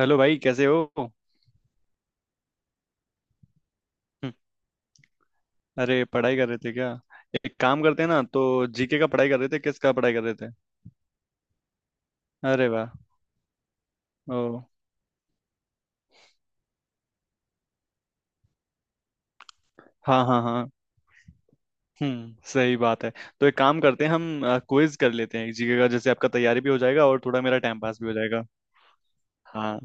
Hello भाई, कैसे हो? हम्म। अरे, पढ़ाई कर रहे थे क्या? एक काम करते हैं ना, तो जीके का पढ़ाई कर रहे थे? किसका पढ़ाई कर रहे थे? अरे वाह। ओ। हाँ हाँ हाँ। हम्म, सही बात है। तो एक काम करते हैं हम, क्विज कर लेते हैं जीके का। जैसे आपका तैयारी भी हो जाएगा और थोड़ा मेरा टाइम पास भी हो जाएगा। हाँ।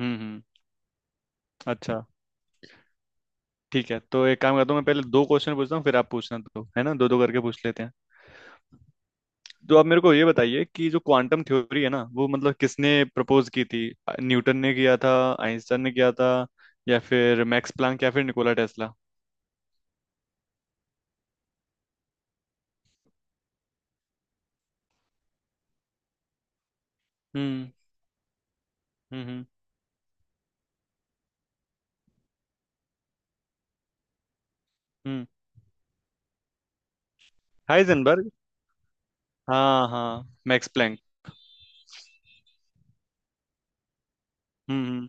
हम्म। अच्छा, ठीक है। तो एक काम करता हूँ, मैं पहले दो क्वेश्चन पूछता हूँ फिर आप पूछना, तो है ना, दो दो करके पूछ लेते हैं। तो आप मेरे को ये बताइए कि जो क्वांटम थ्योरी है ना, वो मतलब किसने प्रपोज की थी। न्यूटन ने किया था, आइंस्टाइन ने किया था, या फिर मैक्स प्लैंक, या फिर निकोला टेस्ला। हम्म हम्म हम्म हम्म। हाइजेनबर्ग। हाँ हाँ, मैक्स प्लैंक। हम्म हम्म,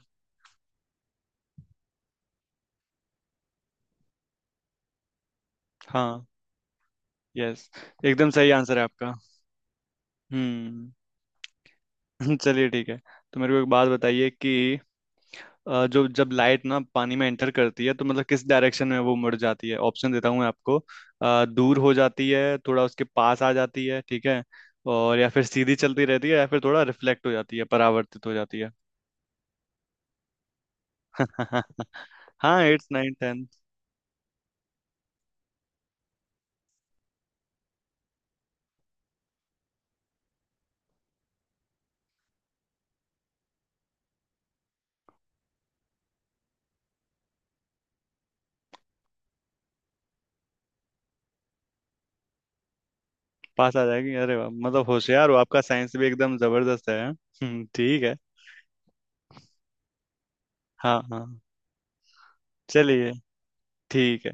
हाँ, यस, एकदम सही आंसर है आपका। हम्म। चलिए, ठीक है। तो मेरे को एक बात बताइए कि जो जब लाइट ना पानी में एंटर करती है, तो मतलब किस डायरेक्शन में वो मुड़ जाती है? ऑप्शन देता हूँ मैं आपको। दूर हो जाती है, थोड़ा उसके पास आ जाती है, ठीक है, और या फिर सीधी चलती रहती है, या फिर थोड़ा रिफ्लेक्ट हो जाती है, परावर्तित हो जाती है। हाँ, एट्थ नाइन टेन। पास आ जाएगी। अरे वाह, मतलब होशियार हो। आपका साइंस भी एकदम जबरदस्त है, हाँ? ठीक है। हाँ हाँ। चलिए, ठीक है।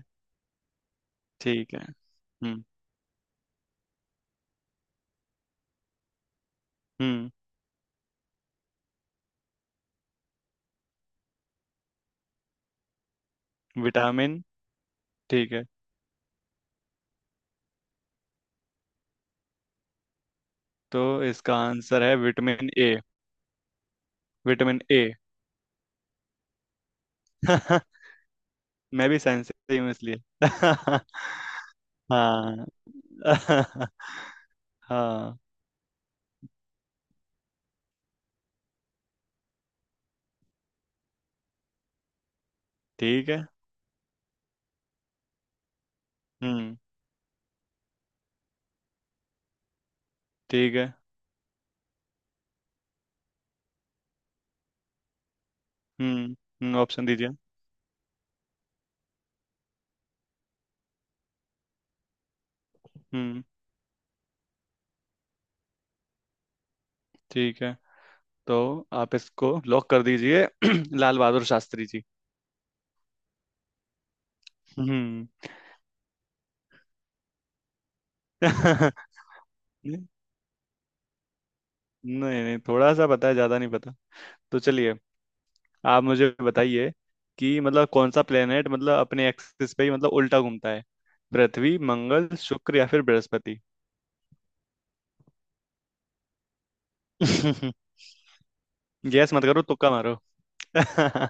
ठीक है। हम्म हम्म। विटामिन। ठीक है, तो इसका आंसर है विटामिन ए। विटामिन ए। मैं भी साइंस से ही हूँ इसलिए। हाँ। हाँ। ठीक है। हम्म। ठीक है। हम्म ऑप्शन दीजिए। हम्म। ठीक है, तो आप इसको लॉक कर दीजिए लाल बहादुर शास्त्री जी। हम्म। नहीं, नहीं नहीं, थोड़ा सा पता है, ज्यादा नहीं पता। तो चलिए, आप मुझे बताइए कि मतलब कौन सा प्लेनेट मतलब अपने एक्सिस पे ही मतलब उल्टा घूमता है। पृथ्वी, मंगल, शुक्र, या फिर बृहस्पति। गैस मत करो, तुक्का मारो।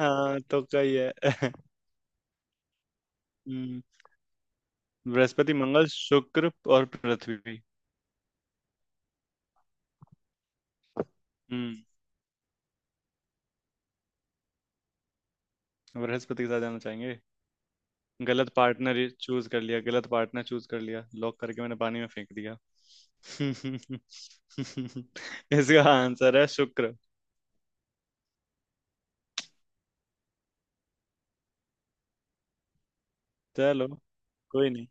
हाँ, तुक्का ही है। हम्म। बृहस्पति, मंगल, शुक्र और पृथ्वी। हम्म। बृहस्पति के साथ जाना चाहेंगे? गलत पार्टनर चूज कर लिया, गलत पार्टनर चूज कर लिया, लॉक करके मैंने पानी में फेंक दिया। इसका आंसर है शुक्र। चलो, कोई नहीं।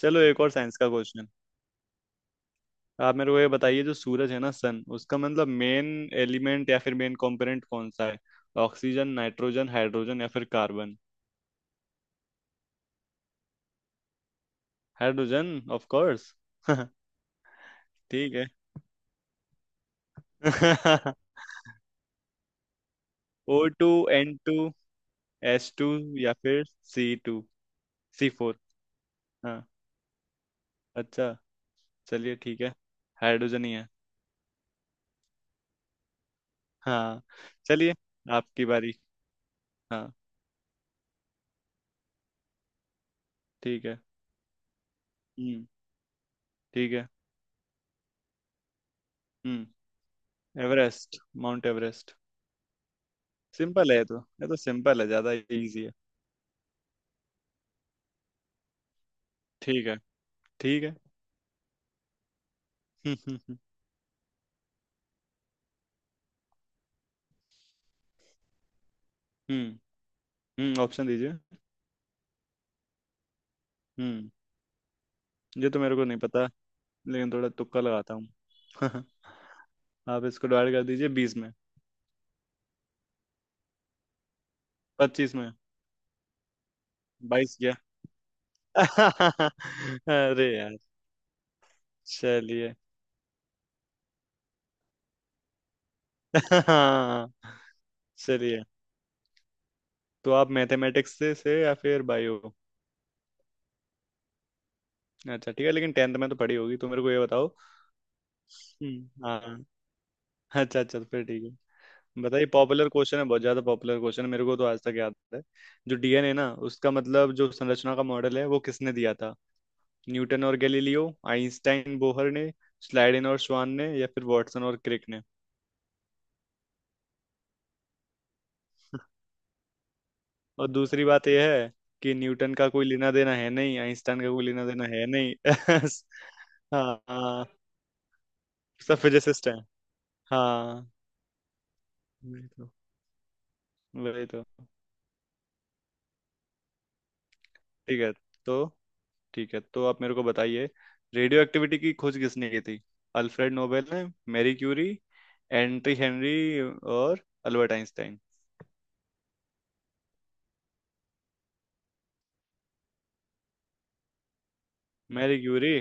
चलो, एक और साइंस का क्वेश्चन। आप मेरे को ये बताइए, जो सूरज है ना, सन, उसका मतलब मेन एलिमेंट या फिर मेन कंपोनेंट कौन सा है? ऑक्सीजन, नाइट्रोजन, हाइड्रोजन, या फिर कार्बन। Hydrogen, of course. ठीक है। ओ two, N two, S two, या फिर सी टू, सी फोर। हाँ। अच्छा, चलिए ठीक है। हाइड्रोजन ही है। हाँ। चलिए, आपकी बारी। हाँ। ठीक है। हम्म। ठीक है। हम्म। Everest, Mount Everest. सिंपल है ये तो, ये तो सिंपल है, ज्यादा इजी है। ठीक है। ठीक है। हम्म। हम्म ऑप्शन दीजिए। हम्म। ये तो मेरे को नहीं पता, लेकिन थोड़ा तुक्का लगाता हूँ। आप इसको डिवाइड कर दीजिए बीस में। पच्चीस में। बाईस गया। अरे यार। चलिए। हाँ। चलिए, तो आप मैथमेटिक्स से या फिर बायो? अच्छा, ठीक है, लेकिन टेंथ में तो पढ़ी होगी, तो मेरे को ये बताओ। हाँ। अच्छा अच्छा, तो फिर ठीक है। बताइए, पॉपुलर क्वेश्चन है, बहुत ज्यादा पॉपुलर क्वेश्चन है, मेरे को तो आज तक याद है। जो डीएनए ना, उसका मतलब जो संरचना का मॉडल है वो किसने दिया था? न्यूटन और गैलीलियो, आइंस्टाइन बोहर ने, स्लाइडिन और श्वान ने, या फिर वाटसन और क्रिक। और दूसरी बात यह है कि न्यूटन का कोई लेना देना है नहीं, आइंस्टाइन का कोई लेना देना है नहीं। हाँ हाँ। सब फिजिसिस्ट हैं। हाँ, वही तो। वही तो। ठीक है, तो ठीक है, तो आप मेरे को बताइए, रेडियो एक्टिविटी की खोज किसने की थी? अल्फ्रेड नोबेल ने, मैरी क्यूरी, एंट्री हेनरी, और अल्बर्ट आइंस्टाइन। Marie Curie.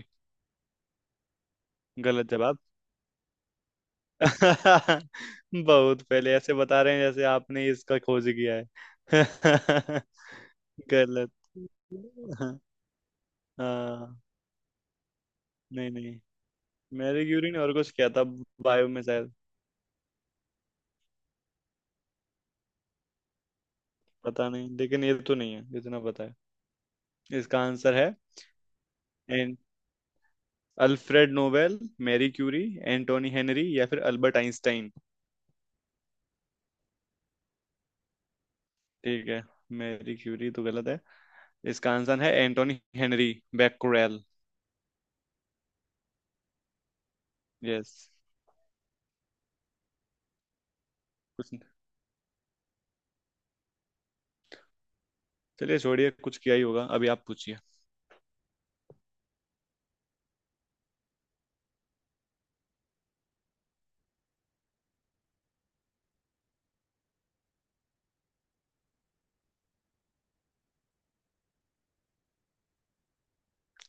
गलत जवाब। बहुत पहले ऐसे बता रहे हैं जैसे आपने ही इसका खोज किया है। गलत। हाँ हाँ, नहीं नहीं, मैरी क्यूरी ने और कुछ किया था, बायो में शायद। पता नहीं, लेकिन ये तो नहीं है जितना पता है। इसका आंसर है। And, Alfred Nobel, Marie Curie, Antoine Henri, या फिर अल्बर्ट आइंस्टाइन। ठीक है, मैरी क्यूरी तो गलत है, इसका आंसर है एंटोनी हेनरी बैक्यूरेल। यस। कुछ। चलिए, छोड़िए, कुछ किया ही होगा। अभी आप पूछिए।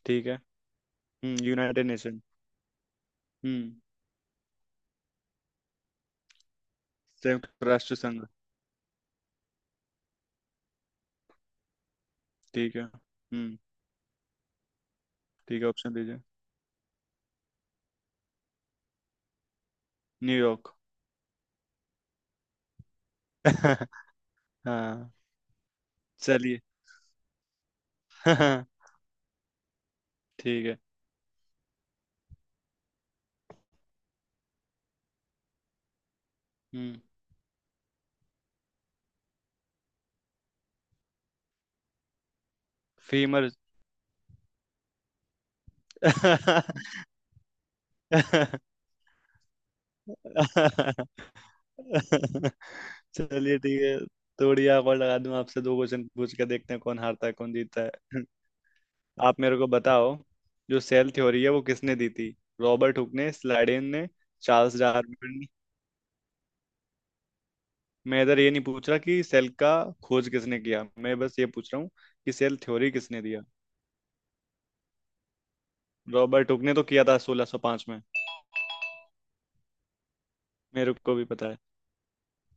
ठीक है। हम्म, यूनाइटेड नेशन। हम्म, संयुक्त राष्ट्र संघ। ठीक है। हम्म। ठीक है, ऑप्शन दीजिए। न्यूयॉर्क। हाँ। चलिए। ठीक है। हम्म। फीमर। चलिए, ठीक है। थोड़ी आप और लगा दूं, आपसे दो क्वेश्चन पूछ के देखते हैं कौन हारता है कौन जीतता है। आप मेरे को बताओ, जो सेल थ्योरी है वो किसने दी थी? रॉबर्ट हुक ने, स्लाइडेन ने, चार्ल्स डार्विन। मैं इधर ये नहीं पूछ रहा कि सेल का खोज किसने किया, मैं बस ये पूछ रहा हूँ कि सेल थ्योरी किसने दिया। रॉबर्ट हुक ने तो किया था 1605 में, मेरे को भी पता है।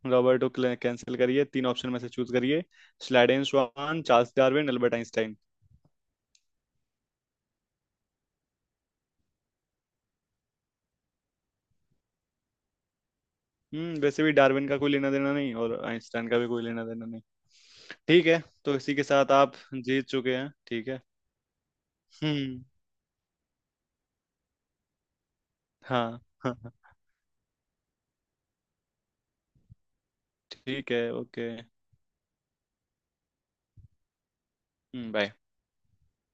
रॉबर्ट हुक ने, कैंसिल करिए, तीन ऑप्शन में से चूज करिए। Schleiden Schwann, Charles Darwin, Albert Einstein. हम्म, वैसे भी डार्विन का कोई लेना देना नहीं और आइंस्टाइन का भी कोई लेना देना नहीं। ठीक है, तो इसी के साथ आप जीत चुके हैं, ठीक है। हम्म। हाँ हाँ हाँ, ठीक है, ओके। हम्म, बाय।